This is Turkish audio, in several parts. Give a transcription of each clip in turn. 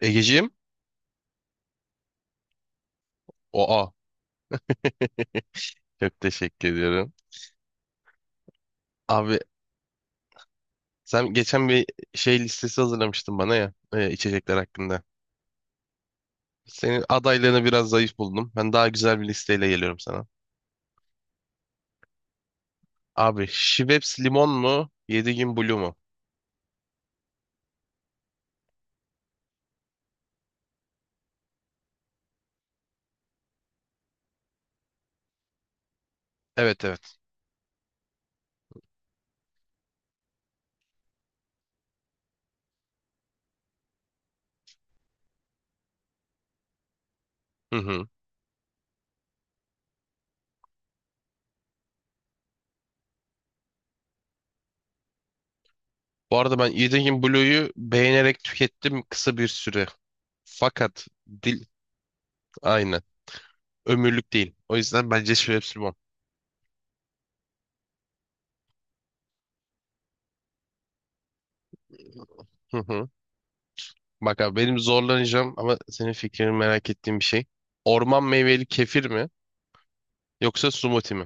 Egeciğim. Oha. Çok teşekkür ediyorum. Abi sen geçen bir şey listesi hazırlamıştın bana ya içecekler hakkında. Senin adaylarını biraz zayıf buldum. Ben daha güzel bir listeyle geliyorum sana. Abi Schweppes limon mu? Yediğin Blue mu? Evet, evet. Hı hı. Bu arada ben Yediğin Blue'yu beğenerek tükettim kısa bir süre. Fakat dil aynı. Ömürlük değil. O yüzden bence Schweppes limon. Hı hı. Bak abi benim zorlanacağım ama senin fikrini merak ettiğim bir şey. Orman meyveli kefir mi? Yoksa smoothie mi?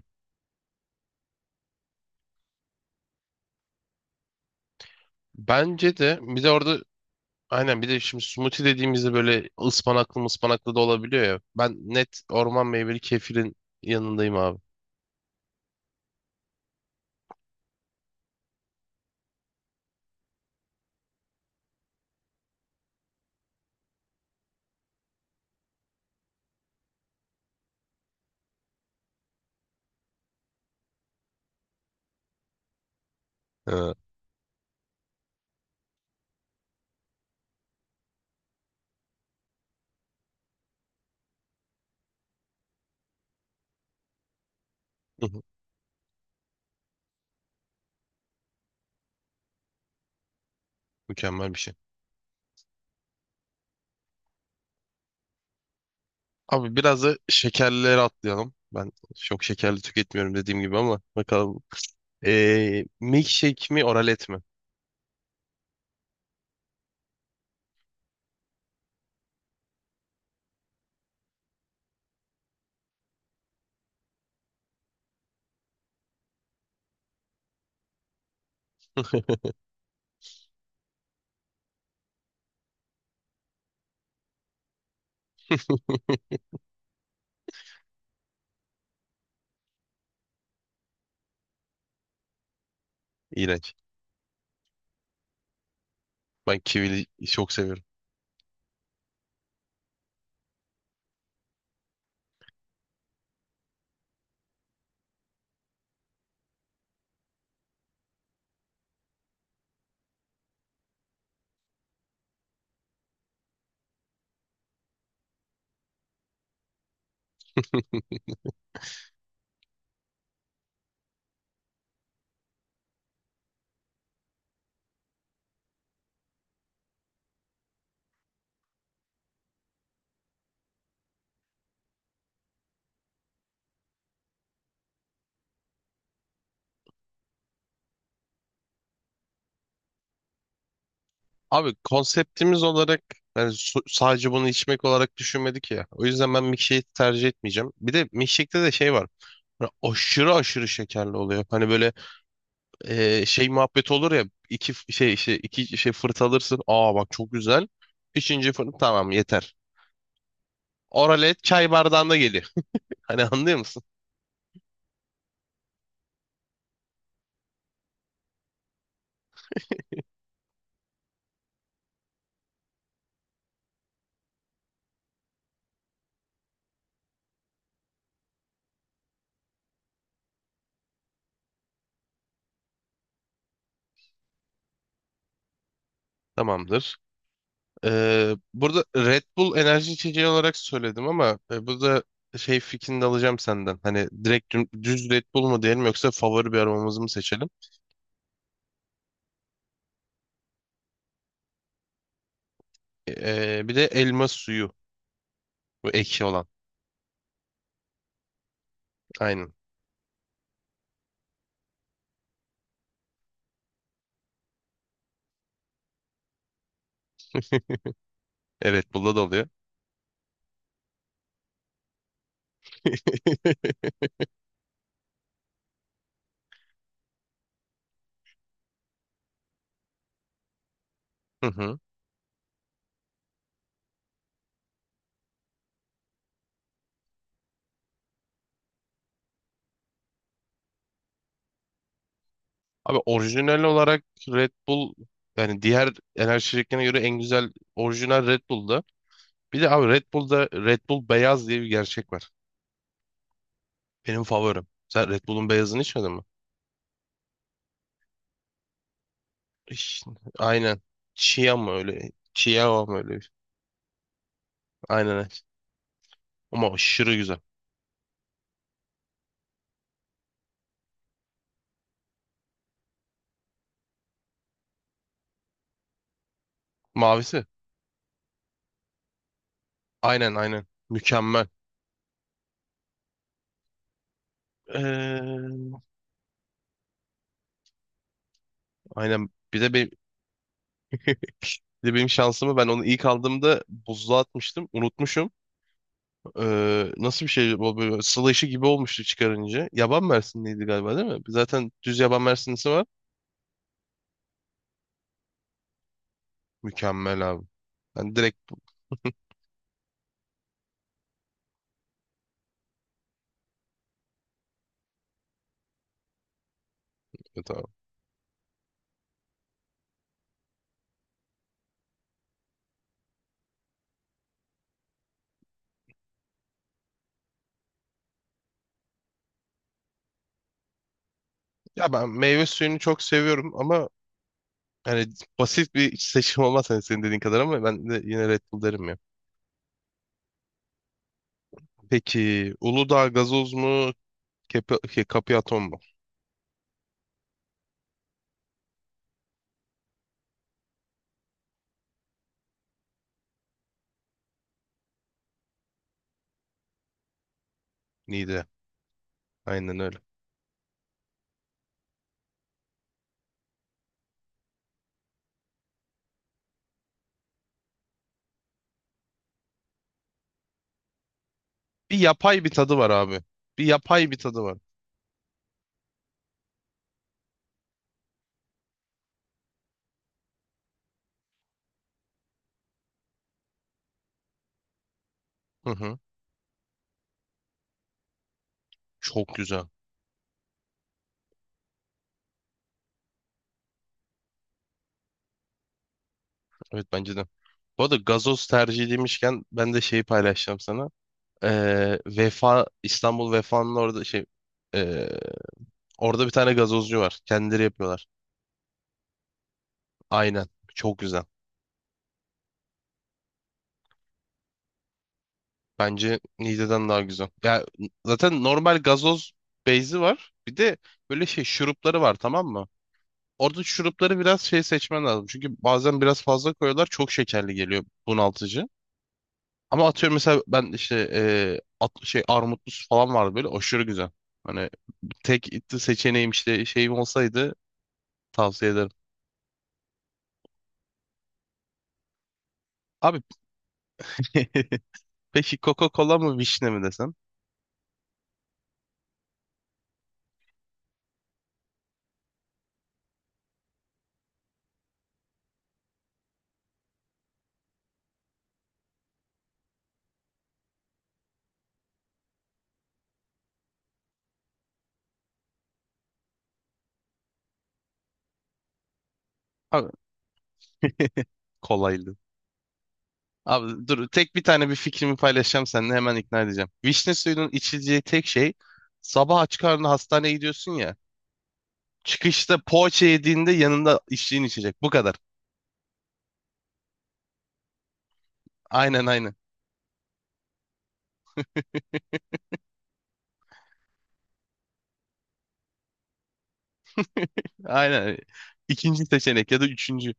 Bence de bir de orada aynen, bir de şimdi smoothie dediğimizde böyle ıspanaklı ıspanaklı da olabiliyor ya. Ben net orman meyveli kefirin yanındayım abi. Ee, hı hı, Mükemmel bir şey. Abi biraz da şekerlilere atlayalım. Ben çok şekerli tüketmiyorum dediğim gibi ama bakalım. Milkshake mi, oralet mi? İğrenç. Ben kivili çok seviyorum. Abi konseptimiz olarak yani sadece bunu içmek olarak düşünmedik ya. O yüzden ben milkshake'i tercih etmeyeceğim. Bir de milkshake'te de şey var. Hani aşırı aşırı şekerli oluyor. Hani böyle şey muhabbet olur ya. Şey işte iki şey fırt alırsın. Aa bak çok güzel. Üçüncü fırt tamam, yeter. Oralet çay bardağında geliyor. Hani anlıyor musun? Tamamdır. Burada Red Bull enerji içeceği olarak söyledim ama burada şey fikrini de alacağım senden. Hani direkt düz Red Bull mu diyelim, yoksa favori bir aromamızı mı seçelim? Bir de elma suyu. Bu ekşi olan. Aynen. E, Red Bull'da da oluyor. Hı hı. Abi orijinal olarak Red Bull, yani diğer enerji içeceklerine göre en güzel orijinal Red Bull'da. Bir de abi Red Bull'da Red Bull beyaz diye bir gerçek var. Benim favorim. Sen Red Bull'un beyazını içmedin mi? Ş- Aynen. Chia mı öyle? Chia mı öyle? Aynen, aynen. Ama aşırı güzel. Mavisi. Aynen, aynen. Mükemmel. Ee, aynen. Bir de benim, bir de benim şansımı, ben onu ilk aldığımda buzluğa atmıştım. Unutmuşum. Nasıl bir şey bu, böyle sıla işi gibi olmuştu çıkarınca. Yaban mersinliydi galiba değil mi? Zaten düz yaban mersinlisi var. Mükemmel abi. Ben direkt tamam. Ya ben meyve suyunu çok seviyorum ama yani basit bir seçim olmaz hani, senin dediğin kadar, ama ben de yine Red Bull derim ya. Peki Uludağ gazoz mu? Kepi, şey, Kapiaton mu? Nide. Aynen öyle. Bir yapay bir tadı var abi. Bir yapay bir tadı var. Hı hı. Çok güzel. Evet, bence de. Bu arada gazoz tercihi demişken ben de şeyi paylaşacağım sana. Vefa, İstanbul Vefa'nın orada şey, ee, orada bir tane gazozcu var. Kendileri yapıyorlar. Aynen. Çok güzel. Bence Nide'den daha güzel. Ya zaten normal gazoz beyzi var. Bir de böyle şey şurupları var, tamam mı? Orada şurupları biraz şey seçmen lazım. Çünkü bazen biraz fazla koyuyorlar. Çok şekerli geliyor, bunaltıcı. Ama atıyorum mesela ben işte şey armutlu su falan vardı, böyle aşırı güzel. Hani tek itti seçeneğim işte şeyim olsaydı, tavsiye ederim. Abi peki Coca-Cola mı, vişne mi desem? Abi kolaydı. Abi dur, tek bir tane bir fikrimi paylaşacağım seninle, hemen ikna edeceğim. Vişne suyunun içileceği tek şey, sabah aç karnına hastaneye gidiyorsun ya. Çıkışta poğaça yediğinde yanında içtiğin içecek. Bu kadar. Aynen, aynen. Aynen. İkinci seçenek ya da üçüncü.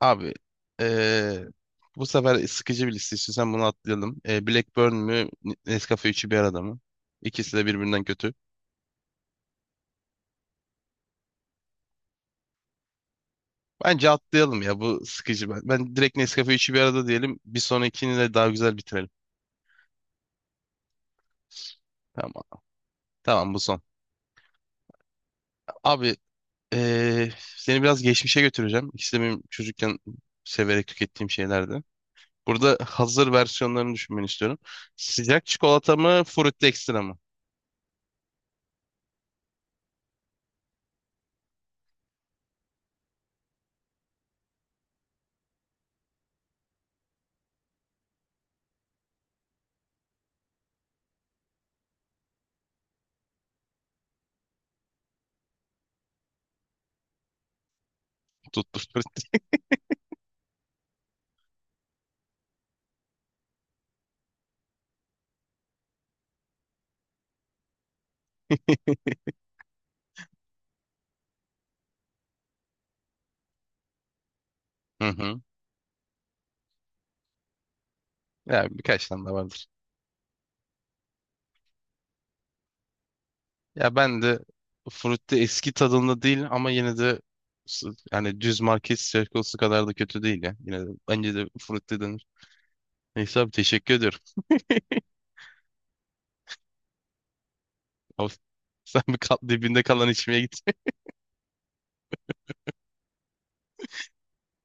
Abi eee, bu sefer sıkıcı bir liste istiyorsan bunu atlayalım. Blackburn mü, Nescafe üçü bir arada mı? İkisi de birbirinden kötü. Bence atlayalım ya, bu sıkıcı. Ben direkt Nescafe üçü bir arada diyelim. Bir sonrakini de daha güzel bitirelim. Tamam. Tamam, bu son. Abi seni biraz geçmişe götüreceğim. İkisi de benim çocukken severek tükettiğim şeylerdi. Burada hazır versiyonlarını düşünmeni istiyorum. Sıcak çikolata mı, Fruity Extra mı? Tuttu Fruity. Hı hı. Ya birkaç tane daha vardır. Ya ben de Fruity eski tadında değil, ama yine de yani düz market çikolatası kadar da kötü değil ya. Yine de bence de Fruity denir. Neyse abi, teşekkür ediyorum. Abi, sen bir kal, dibinde kalan içmeye git.